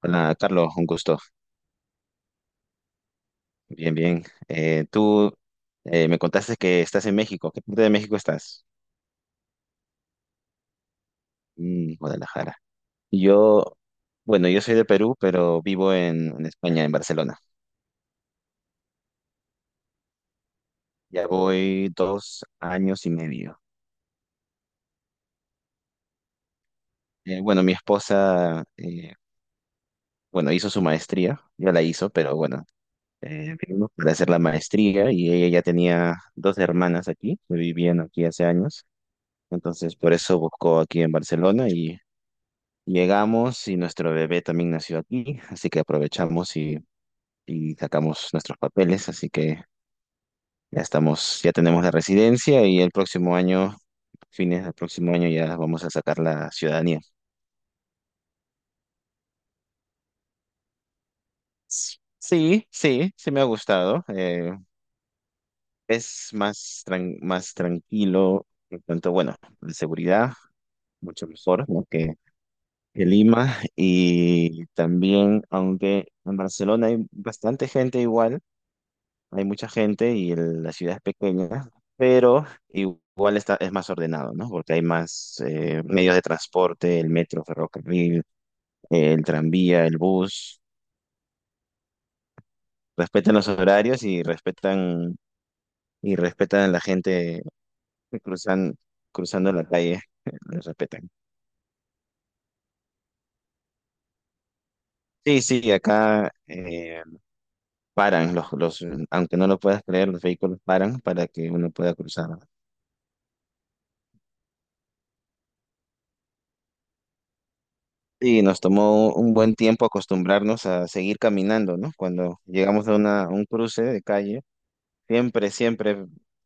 Hola, Carlos, un gusto. Bien, bien. Tú me contaste que estás en México. ¿Qué parte de México estás? Mm, Guadalajara. Yo, bueno, yo soy de Perú, pero vivo en España, en Barcelona. Ya voy 2 años y medio. Bueno, mi esposa, bueno, hizo su maestría, ya la hizo, pero bueno, vinimos para hacer la maestría y ella ya tenía dos hermanas aquí, que vivían aquí hace años. Entonces, por eso buscó aquí en Barcelona y llegamos, y nuestro bebé también nació aquí, así que aprovechamos y sacamos nuestros papeles, así que ya estamos, ya tenemos la residencia y fines del próximo año ya vamos a sacar la ciudadanía. Sí, sí, sí me ha gustado. Es más, más tranquilo, en cuanto, bueno, de seguridad, mucho mejor, ¿no? que Lima. Y también, aunque en Barcelona hay bastante gente igual, hay mucha gente y la ciudad es pequeña, pero igual está, es más ordenado, ¿no? Porque hay más medios de transporte: el metro, ferrocarril, el tranvía, el bus, respetan los horarios y respetan a la gente que cruzan, cruzando la calle, los respetan. Sí, sí, acá paran aunque no lo puedas creer, los vehículos paran para que uno pueda cruzar. Y nos tomó un buen tiempo acostumbrarnos a seguir caminando, ¿no? Cuando llegamos a a un cruce de calle, siempre, siempre,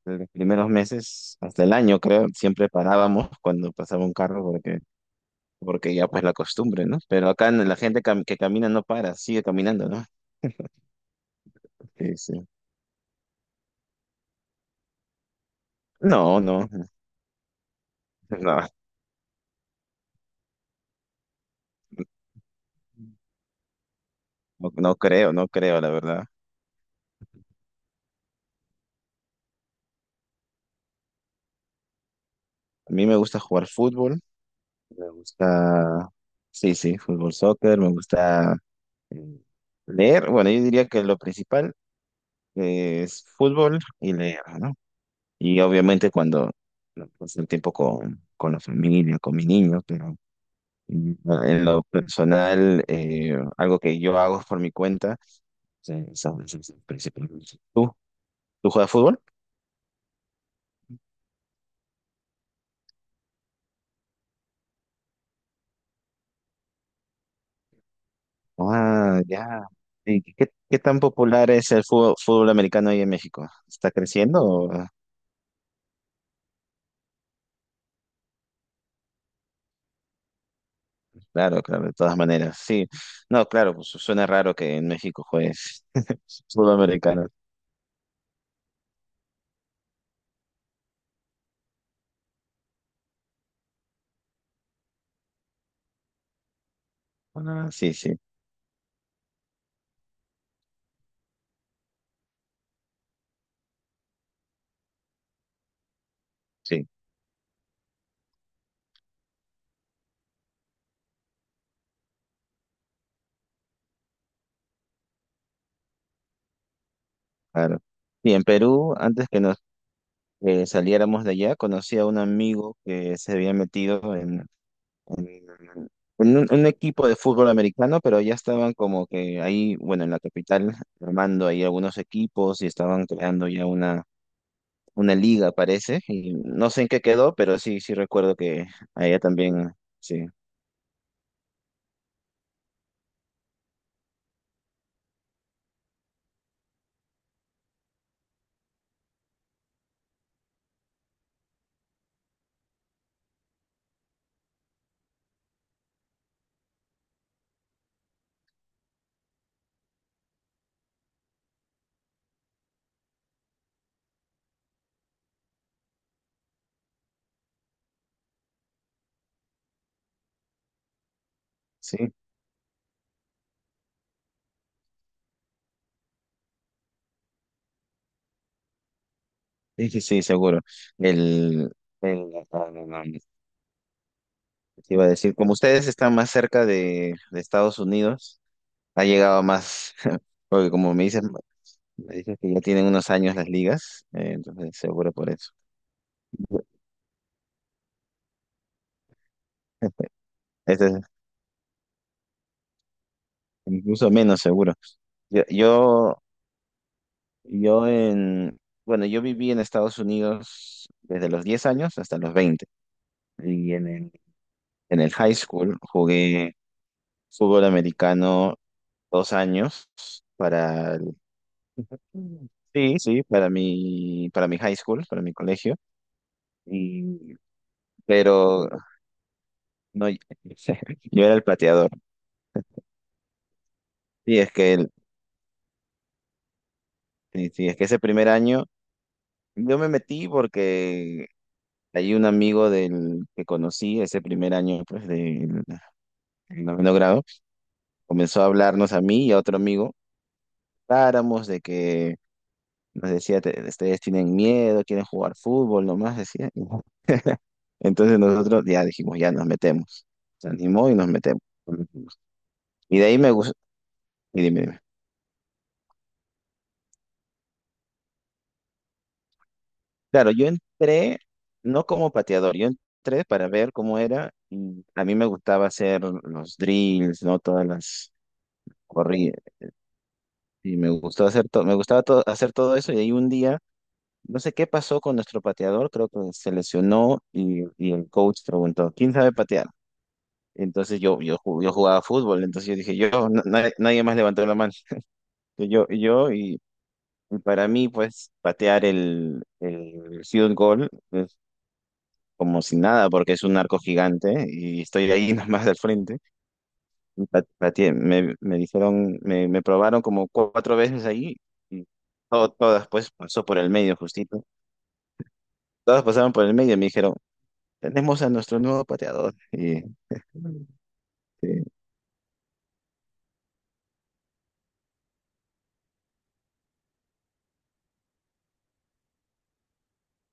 en los primeros meses, hasta el año creo, siempre parábamos cuando pasaba un carro porque ya pues la costumbre, ¿no? Pero acá la gente que camina no para, sigue caminando, ¿no? Sí, sí. No, no, no, no, no creo, la verdad. A mí me gusta jugar fútbol, me gusta, sí, sí, fútbol, soccer, me gusta Mm, leer, bueno, yo diría que lo principal es fútbol y leer, ¿no? Y obviamente cuando no, paso el tiempo con la familia, con mis niños, pero mm, en lo personal, algo que yo hago por mi cuenta, sí, eso es principalmente. ¿Tú juegas fútbol? Ah, ya. ¿Y qué tan popular es el fútbol americano ahí en México? ¿Está creciendo? Claro, claro, de todas maneras, sí. No, claro, pues suena raro que en México juegues fútbol americano. Ah, sí, sí, sí, claro. Y en Perú, antes que nos saliéramos de allá, conocí a un amigo que se había metido en- en un equipo de fútbol americano, pero ya estaban como que ahí, bueno, en la capital, armando ahí algunos equipos y estaban creando ya una liga, parece. Y no sé en qué quedó, pero sí, sí recuerdo que allá también, sí, sí, sí, sí, sí, seguro. El, no, no, no. Te iba a decir, como ustedes están más cerca de Estados Unidos, ha llegado más, porque me dicen que ya tienen unos años las ligas, entonces seguro por eso. Este es incluso menos seguro. Yo, yo, yo en, bueno, yo viví en Estados Unidos desde los 10 años hasta los 20. Y en el high school jugué fútbol americano 2 años. Para Mm. Sí, sí, para mi high school, para mi colegio. Y, pero no, yo era el plateador. Sí, sí, sí, es que ese primer año yo me metí porque hay un amigo del que conocí ese primer año pues del noveno grado, comenzó a hablarnos a mí y a otro amigo, paramos de que nos decía: Ustedes tienen miedo, quieren jugar fútbol", nomás decía. Entonces nosotros ya dijimos, ya nos metemos. Se animó y nos metemos. Y de ahí me gusta. Y dime, dime. Claro, yo entré no como pateador, yo entré para ver cómo era y a mí me gustaba hacer los drills, ¿no? Todas las corridas y me gustó hacer todo, me gustaba hacer todo eso. Y ahí un día, no sé qué pasó con nuestro pateador, creo que se lesionó y el coach preguntó: ¿Quién sabe patear? Entonces yo jugaba fútbol, entonces yo dije, yo, nadie, nadie más levantó la mano. Y yo, y yo y... Y para mí, pues, patear el field goal como si nada, porque es un narco gigante y estoy ahí nomás al frente. Y pateé. Me dijeron, me probaron como cuatro veces ahí y todas pues pasó por el medio justito. Todas pasaron por el medio y me dijeron: tenemos a nuestro nuevo pateador. Y, sí,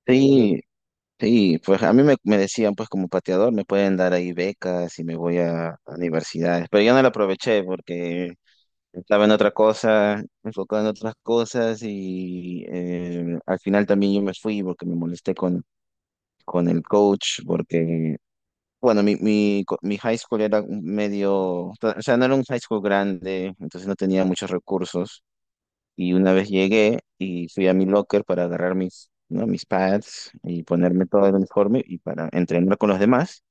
sí, sí, pues a mí me decían pues como pateador me pueden dar ahí becas y me voy a universidades, pero yo no lo aproveché porque estaba en otra cosa, enfocado en otras cosas y al final también yo me fui porque me molesté con el coach, porque, bueno, mi high school era un medio, o sea, no era un high school grande, entonces no tenía muchos recursos. Y una vez llegué y fui a mi locker para agarrar mis, ¿no? mis pads y ponerme todo el uniforme y para entrenar con los demás,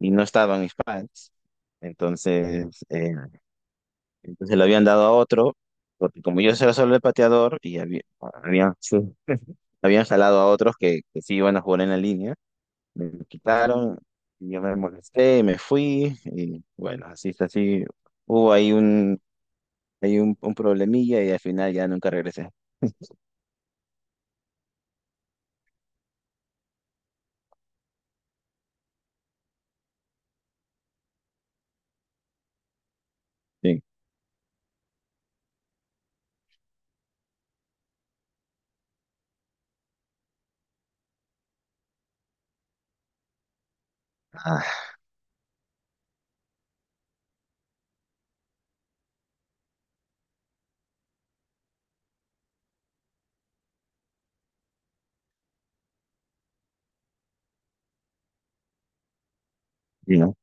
y no estaban mis pads. Entonces, eh, Entonces lo habían dado a otro, porque como yo era solo el pateador y sí, habían jalado a otros que sí iban a jugar en la línea, me lo quitaron, y yo me molesté, me fui, y bueno, así está, así hubo ahí un, hay un problemilla y al final ya nunca regresé. Sí. Ah, sí, ¿no?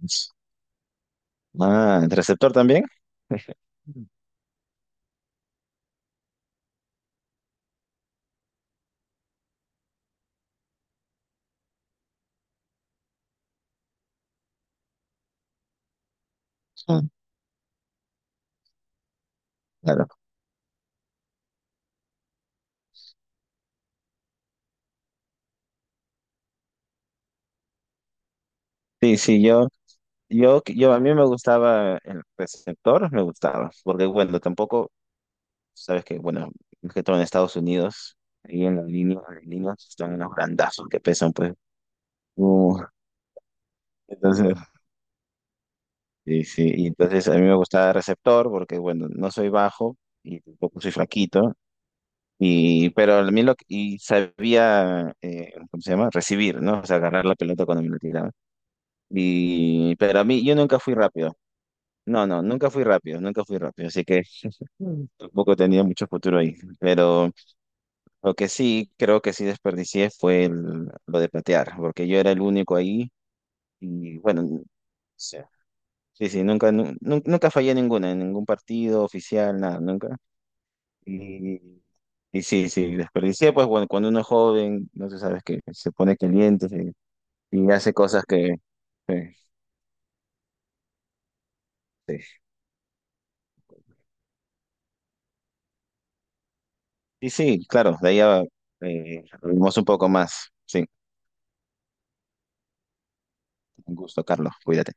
Pues, ah, ¿el receptor también? Ah, claro. Sí, sí, yo a mí me gustaba el receptor, me gustaba, porque bueno, tampoco. Sabes que, bueno, es que todo en Estados Unidos, ahí en las líneas están unos grandazos que pesan, pues. Uh, entonces, sí, sí, y entonces a mí me gustaba receptor porque, bueno, no soy bajo y tampoco soy flaquito, pero a mí y sabía, ¿cómo se llama? Recibir, ¿no? O sea, agarrar la pelota cuando me la tiraban. Pero a mí, yo nunca fui rápido. No, no, nunca fui rápido, nunca fui rápido, así que Mm. tampoco tenía mucho futuro ahí. Pero lo que sí, creo que sí desperdicié fue lo de patear, porque yo era el único ahí y bueno, o sea, sí, sí, nunca, nu- nu- nunca fallé ninguna, en ningún partido oficial, nada, nunca. Y, y sí, sí, desperdicié, pues bueno, cuando uno es joven, no sé, sabes que se pone caliente y hace cosas que. Sí, sí. Y sí, claro, de ahí ya hablamos un poco más. Sí, un gusto, Carlos, cuídate.